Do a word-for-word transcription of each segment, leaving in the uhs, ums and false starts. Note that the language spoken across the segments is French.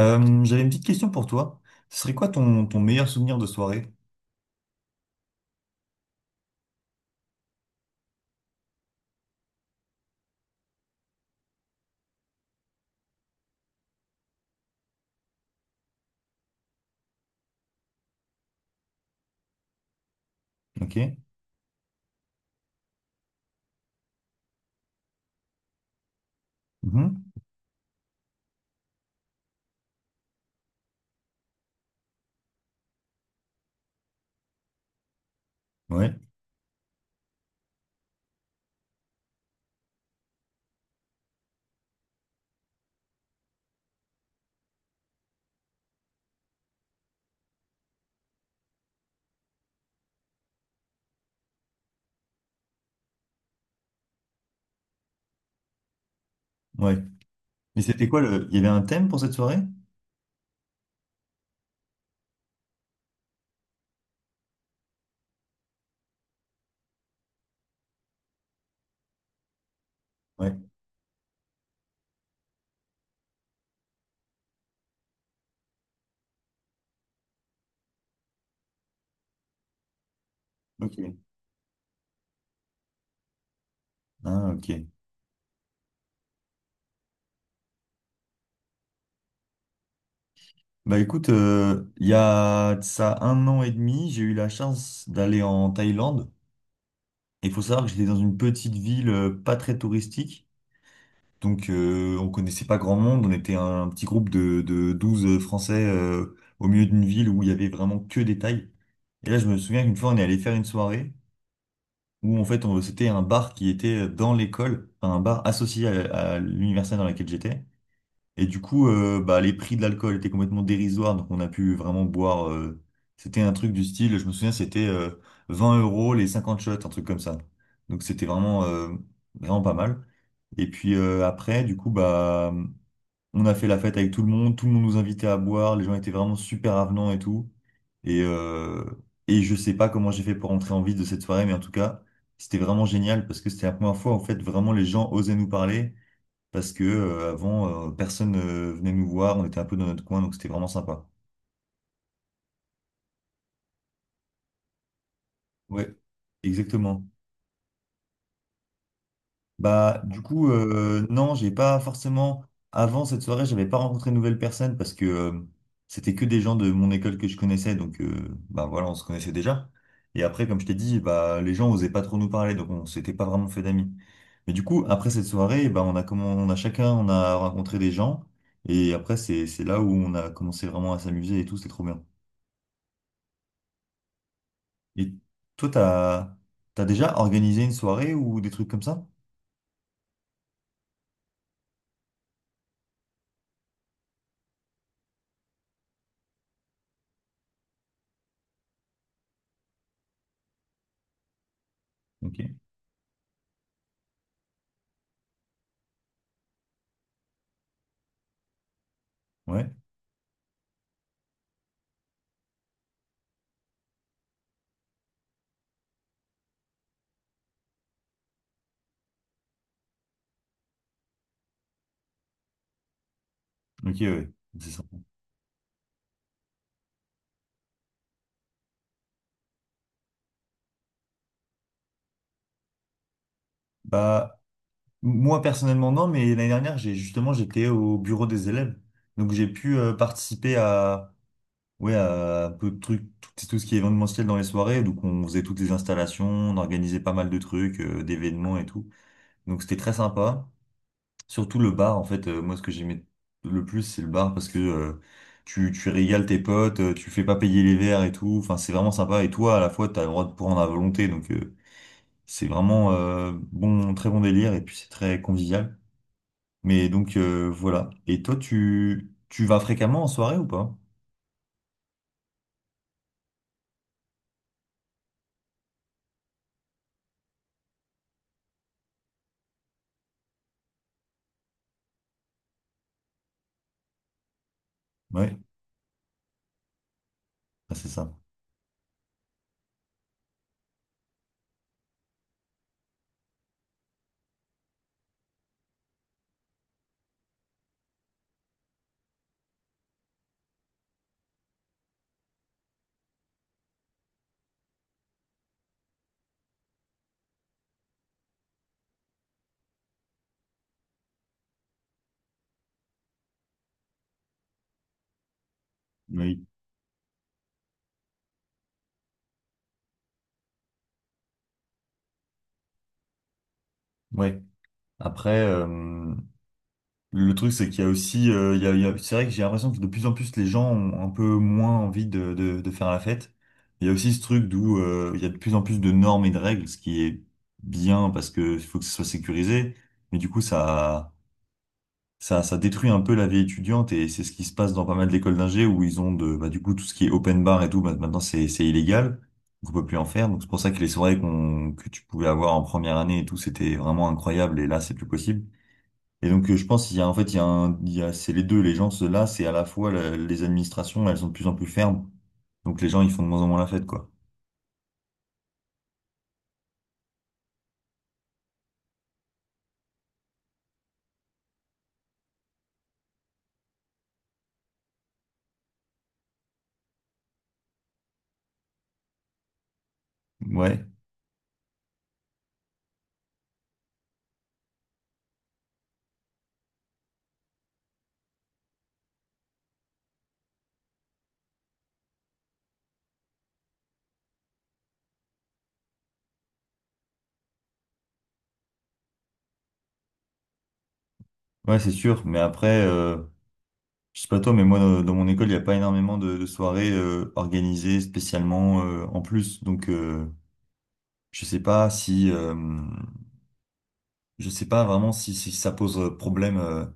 Euh, j'avais une petite question pour toi. Ce serait quoi ton, ton meilleur souvenir de soirée? Ok. Mhm. Ouais. Ouais. Mais c'était quoi le... Il y avait un thème pour cette soirée? Ouais. Ok. Ah, ok. Bah écoute, euh, il y a de ça un an et demi, j'ai eu la chance d'aller en Thaïlande. Et il faut savoir que j'étais dans une petite ville euh, pas très touristique. Donc euh, on connaissait pas grand monde. On était un, petit groupe de, de douze euh, Français euh, au milieu d'une ville où il y avait vraiment que des Thaïs. Et là, je me souviens qu'une fois, on est allé faire une soirée, où en fait on- c'était un bar qui était dans l'école, enfin, un bar associé à, à l'université dans laquelle j'étais. Et du coup, euh, bah, les prix de l'alcool étaient complètement dérisoires, donc on a pu vraiment boire. Euh, c'était un truc du style, je me souviens, c'était euh, vingt euros les cinquante shots, un truc comme ça. Donc c'était vraiment, euh, vraiment pas mal. Et puis euh, après, du coup, bah. On a fait la fête avec tout le monde, tout le monde nous invitait à boire, les gens étaient vraiment super avenants et tout. Et, euh, et je sais pas comment j'ai fait pour rentrer en vie de cette soirée, mais en tout cas, c'était vraiment génial parce que c'était la première fois, en fait, vraiment les gens osaient nous parler parce que euh, avant, euh, personne euh, venait nous voir, on était un peu dans notre coin, donc c'était vraiment sympa. Ouais, exactement. Bah, du coup, euh, non, j'ai pas forcément. Avant cette soirée, j'avais pas rencontré de nouvelles personnes parce que euh, c'était que des gens de mon école que je connaissais, donc euh, bah voilà, on se connaissait déjà. Et après, comme je t'ai dit, bah les gens osaient pas trop nous parler, donc on s'était pas vraiment fait d'amis. Mais du coup, après cette soirée, bah on a comment, on a chacun, on a rencontré des gens, et après c'est c'est là où on a commencé vraiment à s'amuser et tout, c'était trop bien. Et toi, t'as t'as déjà organisé une soirée ou des trucs comme ça? Ok, ouais, ok, ouais, c'est ça. Bah moi, personnellement, non, mais l'année dernière, j'ai justement, j'étais au bureau des élèves. Donc, j'ai pu euh, participer à, ouais, à un peu de trucs, tout, tout ce qui est événementiel dans les soirées. Donc, on faisait toutes les installations, on organisait pas mal de trucs, euh, d'événements et tout. Donc, c'était très sympa. Surtout le bar, en fait, euh, moi, ce que j'aimais le plus, c'est le bar parce que euh, tu, tu régales tes potes, euh, tu fais pas payer les verres et tout. Enfin, c'est vraiment sympa. Et toi, à la fois, t'as le droit de prendre à volonté. Donc, euh, c'est vraiment euh, bon, très bon délire et puis c'est très convivial. Mais donc euh, voilà. Et toi, tu, tu vas fréquemment en soirée ou pas? Ouais. Ah, c'est ça. Oui. Ouais. Après, euh, le truc, c'est qu'il y a aussi, euh, il y a, il y a- c'est vrai que j'ai l'impression que de plus en plus les gens ont un peu moins envie de, de, de faire la fête. Il y a aussi ce truc d'où euh, il y a de plus en plus de normes et de règles, ce qui est bien parce que il faut que ce soit sécurisé. Mais du coup, ça. ça, ça détruit un peu la vie étudiante et c'est ce qui se passe dans pas mal d'écoles d'ingé où ils ont de, bah, du coup, tout ce qui est open bar et tout, bah, maintenant c'est, c'est illégal. Donc on peut plus en faire. Donc c'est pour ça que les soirées qu'on, que tu pouvais avoir en première année et tout, c'était vraiment incroyable et là c'est plus possible. Et donc euh, je pense qu'il y a, en fait, il y a un, il y a, c'est les deux, les gens, ceux là, c'est à la fois la- les administrations, elles sont de plus en plus fermes. Donc les gens, ils font de moins en moins la fête, quoi. Ouais, ouais, c'est sûr. Mais après, euh, je sais pas toi, mais moi, dans dans mon école, il n'y a pas énormément de, de soirées euh, organisées spécialement euh, en plus. Donc, euh, je sais pas si, euh, je sais pas vraiment si, si ça pose euh, problème, euh,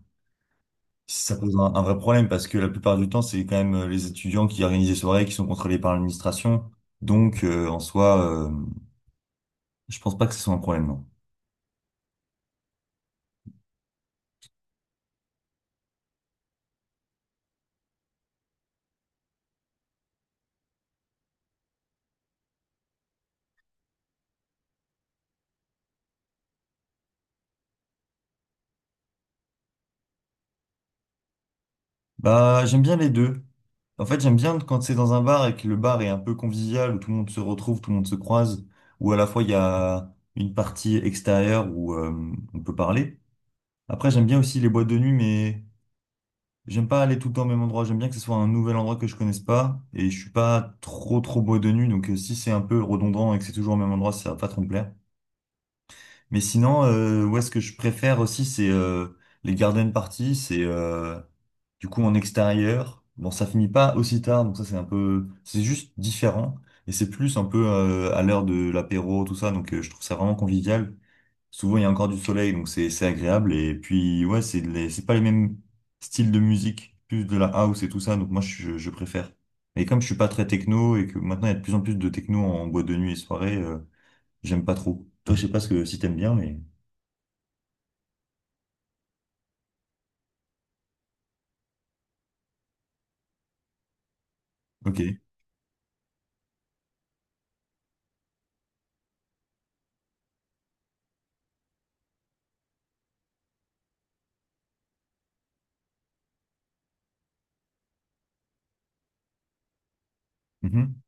si ça pose un, un vrai problème, parce que la plupart du temps, c'est quand même euh, les étudiants qui organisent les soirées qui sont contrôlés par l'administration. Donc, euh, en soi, euh, je pense pas que ce soit un problème. Non. Bah, j'aime bien les deux. En fait, j'aime bien quand c'est dans un bar et que le bar est un peu convivial, où tout le monde se retrouve, tout le monde se croise, où à la fois il y a une partie extérieure où euh, on peut parler. Après, j'aime bien aussi les boîtes de nuit, mais j'aime pas aller tout le temps au même endroit. J'aime bien que ce soit un nouvel endroit que je connaisse pas, et je suis pas trop trop boîte de nuit, donc euh, si c'est un peu redondant et que c'est toujours au même endroit, ça va pas trop me plaire. Mais sinon, euh, est ce que je préfère aussi, c'est euh, les garden parties. C'est euh, du coup en extérieur. Bon, ça finit pas aussi tard, donc ça c'est un peu, c'est juste différent. Et c'est plus un peu euh, à l'heure de l'apéro, tout ça. Donc euh, je trouve ça vraiment convivial. Souvent il y a encore du soleil, donc c'est c'est agréable. Et puis ouais, c'est les- c'est pas les mêmes styles de musique, plus de la house et tout ça. Donc moi je, je préfère. Et comme je suis pas très techno et que maintenant il y a de plus en plus de techno en boîte de nuit et soirée, euh, j'aime pas trop. Toi, je sais pas ce que si t'aimes bien, mais. Ok. Mhm.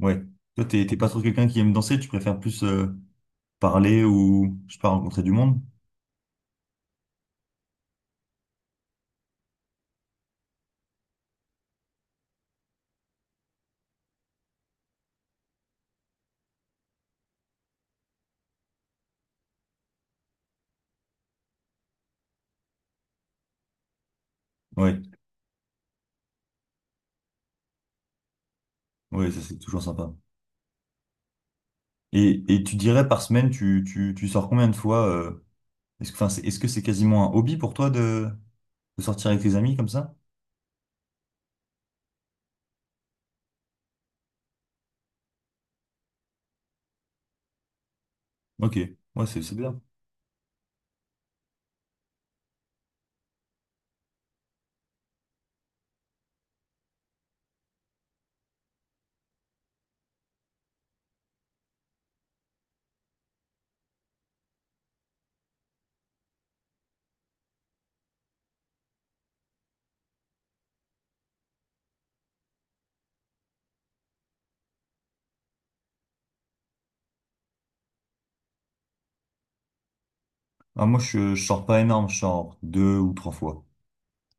Ouais. Toi, t'es t'es pas trop quelqu'un qui aime danser, tu préfères plus euh, parler ou, je sais pas, rencontrer du monde? Ouais. Ouais, ça c'est toujours sympa. Et, et tu dirais par semaine, tu, tu, tu sors combien de fois euh, est-ce que, enfin, c'est, est-ce que c'est quasiment un hobby pour toi de, de sortir avec tes amis comme ça? Ok. Ouais, c'est c'est bien. Alors moi, je, je sors pas énorme, je sors deux ou trois fois.